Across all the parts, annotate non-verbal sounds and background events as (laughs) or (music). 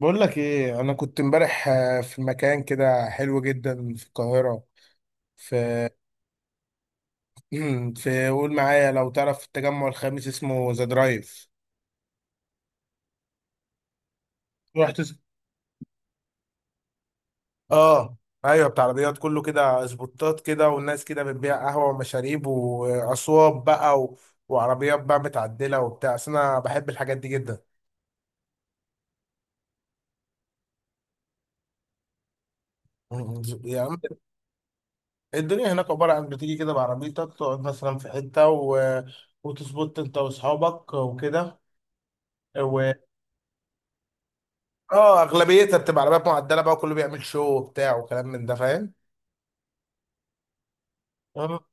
بقول لك ايه. انا كنت امبارح في مكان كده حلو جدا في القاهره. في (clears throat) في قول معايا، لو تعرف التجمع الخامس اسمه ذا درايف. رحت س- اه ايوه، بتاع عربيات، كله كده اسبوتات كده، والناس كده بتبيع قهوه ومشاريب واصواب بقى وعربيات بقى متعدله وبتاع. أصل انا بحب الحاجات دي جدا. (laughs) يعني الدنيا هناك عباره عن بتيجي كده بعربيتك، تقعد مثلا في حته وتظبط انت واصحابك وكده. اه، اغلبيتها بتبقى عربيات معدله بقى، كله بيعمل شو وبتاع وكلام من ده، فاهم. اه،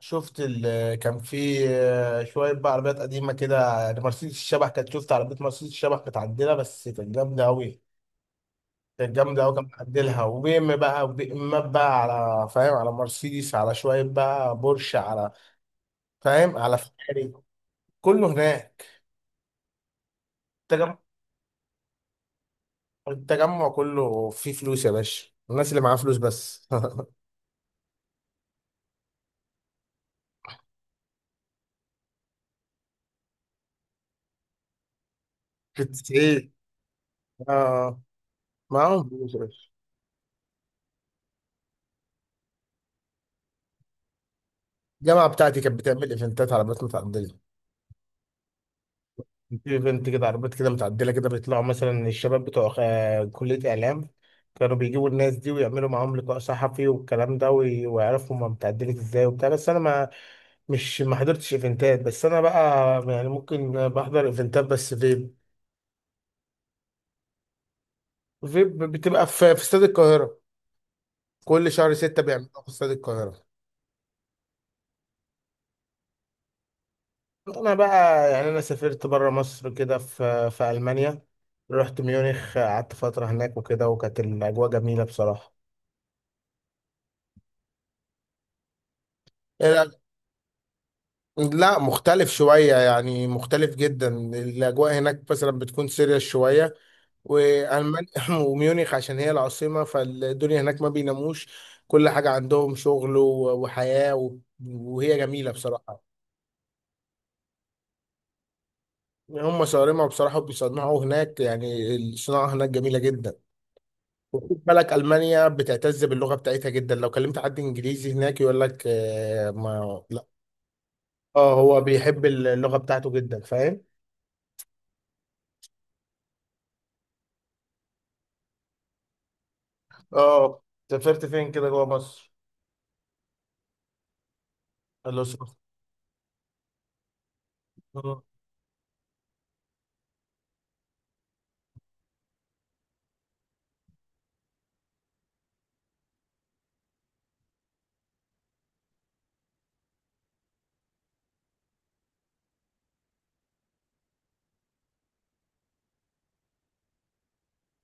شفت ال كان في آه، شويه بقى عربيات قديمه كده، يعني مرسيدس الشبح كانت، شفت عربيه مرسيدس الشبح متعدله بس كانت جامده قوي. كانت جامده قوي كان معدلها. وبي ام بقى وبي امات بقى، على فاهم، على مرسيدس، على شويه بقى بورش، على فاهم، على فيراري، كله هناك. التجمع، التجمع كله فيه فلوس يا باشا، الناس اللي معاها فلوس بس. (laughs) بتسعيد. اه، معاهم فلوس يا باشا. الجامعه بتاعتي كانت بتعمل ايفنتات عربيات متعدله، ايفنت كده عربيات كده متعدله كده، بيطلعوا مثلا الشباب بتوع كليه اعلام، كانوا بيجيبوا الناس دي ويعملوا معاهم لقاء صحفي والكلام ده، ويعرفوا هما متعدلة ازاي وبتاع. بس انا ما مش ما حضرتش ايفنتات، بس انا بقى يعني ممكن بحضر ايفنتات بس فيب. فيب بتبقى في استاد القاهره، كل شهر ستة بيعملوها في استاد القاهره. انا بقى يعني انا سافرت بره مصر كده، في المانيا، رحت ميونخ، قعدت فتره هناك وكده، وكانت الاجواء جميله بصراحه. إيه، لا، مختلف شوية، يعني مختلف جدا. الأجواء هناك مثلا بتكون سيريس شوية، وألمانيا (laughs) وميونخ عشان هي العاصمة، فالدنيا هناك ما بيناموش، كل حاجة عندهم شغل وحياة وهي جميلة بصراحة. هم صارمة بصراحة، وبيصنعوا هناك يعني الصناعة هناك جميلة جدا. وخد بالك، المانيا بتعتز باللغه بتاعتها جدا، لو كلمت حد انجليزي هناك يقول لك آه ما لا. اه، هو بيحب اللغه بتاعته جدا، فاهم. اه. سافرت فين كده جوه مصر؟ الأقصر. مم.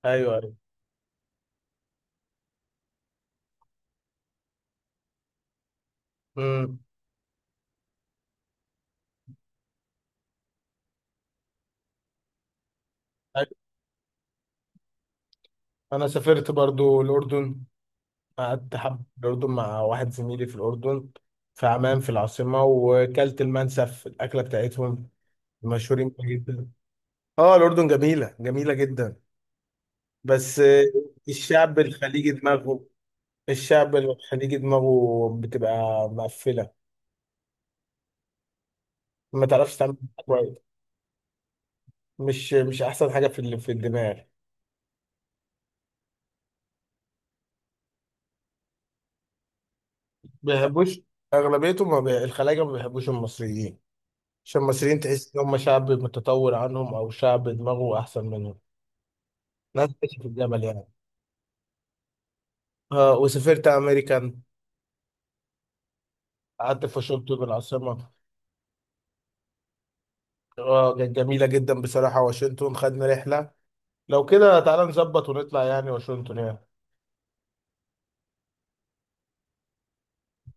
ايوه ايوه. امم. أيوة. انا سافرت برضو الاردن، قعدت حب الاردن مع واحد زميلي في الاردن، في عمان في العاصمه، وكلت المنسف الاكله بتاعتهم، مشهورين بيها جدا. اه، الاردن جميله، جميله جدا، بس الشعب الخليجي دماغه، الشعب الخليجي دماغه بتبقى مقفلة، ما تعرفش تعمل كويس. مش مش أحسن حاجة في الدماغ. بيحبوش، أغلبيتهم ما الخلايجة ما بيحبوش المصريين، عشان المصريين تحس إن هم شعب متطور عنهم أو شعب دماغه أحسن منهم. ناس بتعيش في الجبل يعني. آه، وسافرت أمريكان، قعدت في واشنطن العاصمة. آه كانت جميلة جدا بصراحة، واشنطن. خدنا رحلة لو كده، تعالى نظبط ونطلع يعني واشنطن يعني.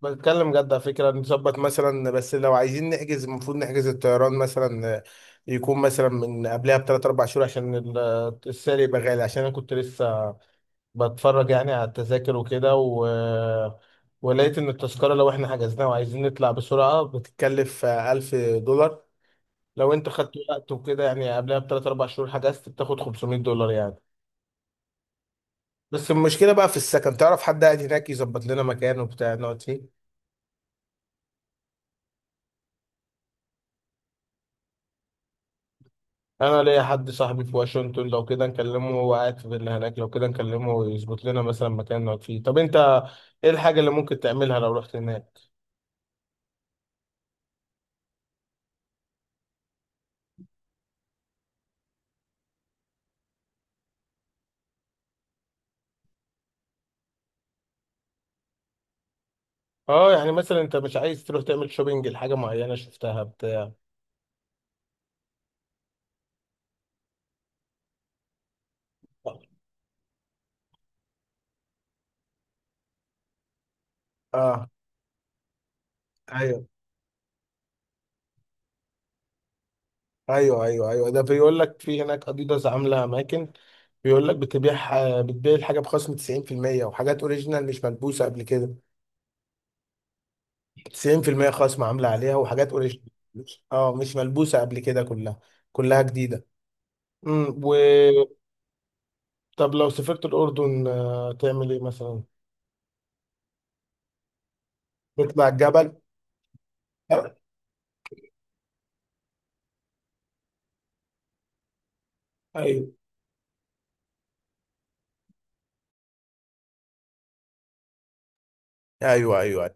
بتكلم جد على فكرة، نظبط مثلا. بس لو عايزين نحجز، المفروض نحجز الطيران مثلا، يكون مثلا من قبلها بثلاث أربع شهور، عشان السعر يبقى غالي. عشان أنا كنت لسه بتفرج يعني على التذاكر وكده ولقيت إن التذكرة لو إحنا حجزناها وعايزين نطلع بسرعة بتتكلف 1000 دولار. لو أنت خدت وقت وكده، يعني قبلها بثلاث أربع شهور حجزت، بتاخد 500 دولار يعني. بس المشكلة بقى في السكن، تعرف حد قاعد هناك يظبط لنا مكان وبتاع نقعد فيه؟ انا ليا حد صاحبي في واشنطن، لو كده نكلمه، هو قاعد في اللي هناك، لو كده نكلمه ويظبط لنا مثلا مكان نقعد فيه. طب انت ايه الحاجه اللي ممكن تعملها لو رحت هناك؟ اه يعني مثلا انت مش عايز تروح تعمل شوبينج لحاجه معينه شفتها بتاع اه. ايوه ايوه ايوه ايوه، ده بيقول لك في هناك اديداس عامله اماكن، بيقول لك بتبيع الحاجه بخصم 90%، وحاجات اوريجينال مش ملبوسه قبل كده. 90% خصم عامله عليها، وحاجات اوريجينال، اه، مش ملبوسه قبل كده، كلها كلها جديده. و طب لو سافرت الأردن تعمل ايه مثلا؟ نطلع الجبل. ايوه ايوه ايوه. أيوة.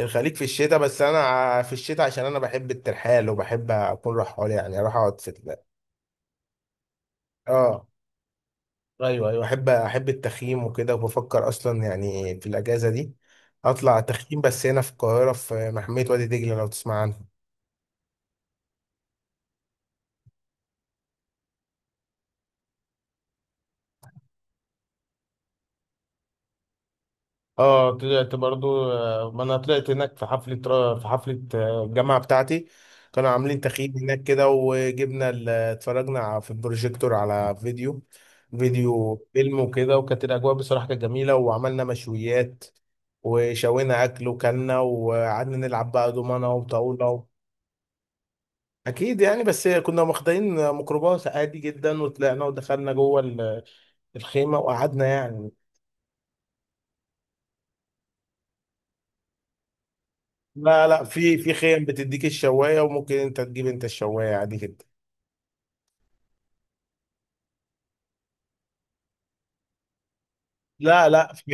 الخليج في الشتاء، بس انا في الشتاء عشان انا بحب الترحال وبحب اكون رحال، يعني اروح اقعد في اه ايوه ايوه، احب احب التخييم وكده، وبفكر اصلا يعني في الاجازه دي اطلع تخييم، بس هنا في القاهره، في محميه وادي دجله لو تسمع عنها. اه، طلعت برضو ما انا طلعت هناك في حفلة الجامعة بتاعتي، كانوا عاملين تخييم هناك كده، وجبنا اتفرجنا في البروجيكتور على فيديو فيديو فيلم وكده، وكانت الأجواء بصراحة كانت جميلة، وعملنا مشويات وشوينا أكل وكلنا، وقعدنا نلعب بقى دومنة وطاولة. أكيد يعني، بس كنا واخدين ميكروباص عادي جدا، وطلعنا ودخلنا جوه الخيمة وقعدنا يعني. لا في خيم بتديك الشوايه، وممكن انت تجيب انت الشوايه عادي جدا. لا في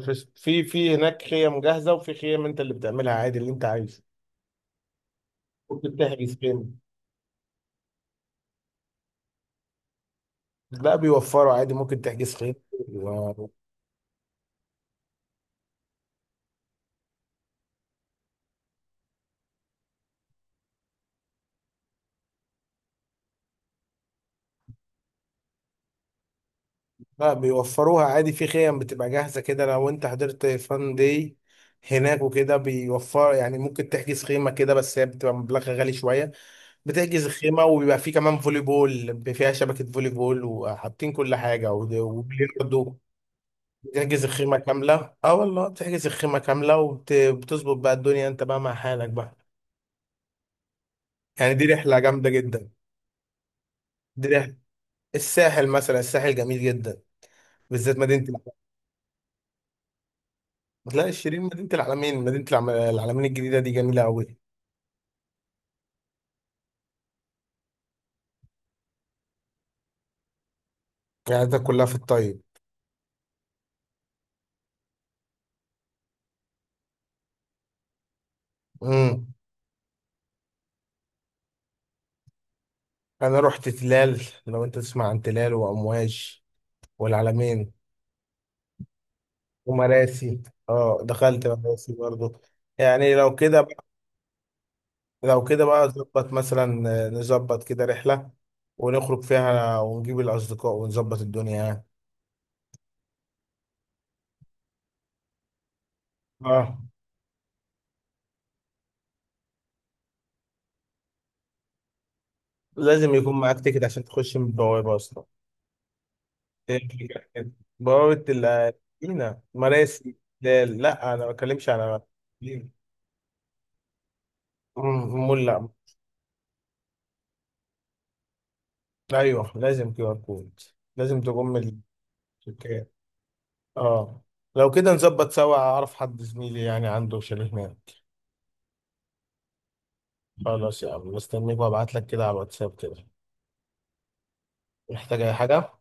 في في في هناك خيم جاهزه، وفي خيم انت اللي بتعملها عادي اللي انت عايزه. ممكن تحجز خيم. لا، بيوفروا عادي، ممكن تحجز خيم و- لا بيوفروها عادي، في خيم بتبقى جاهزه كده، لو انت حضرت فان داي هناك وكده، بيوفر يعني ممكن تحجز خيمه كده، بس هي بتبقى مبلغها غالي شويه. بتحجز الخيمة، وبيبقى فيه كمان فولي بول، بيبقى فيها شبكة فولي بول، وحاطين كل حاجة وبلياردو. بتحجز الخيمة كاملة، اه والله، بتحجز الخيمة كاملة وبتظبط بقى الدنيا، انت بقى مع حالك بقى. يعني دي رحلة جامدة جدا. دي رحلة الساحل مثلا، الساحل جميل جدا، بالذات مدينة العلمين. لا الشيرين، مدينة العلمين، العلمين الجديدة دي جميلة أوي. يعني ده كلها في الطيب. امم. أنا رحت تلال، لو أنت تسمع عن تلال وأمواج والعلمين ومراسي. اه دخلت مراسي برضو. يعني لو كده بقى، لو كده بقى نظبط مثلا نظبط كده رحلة ونخرج فيها ونجيب الأصدقاء ونظبط الدنيا يعني. اه، لازم يكون معاك تيكت عشان تخش من البوابة أصلا. إيه، بوابة المدينة مراسي. لا لا، أنا ما بتكلمش على مول، لا. أيوه، لازم كيو آر كود، لازم تقوم الشركات. اه. لو كده نظبط سوا، أعرف حد زميلي يعني عنده شاليه هناك. خلاص يا عم، مستنيك، وابعت لك كده على الواتساب كده، محتاج اي حاجة.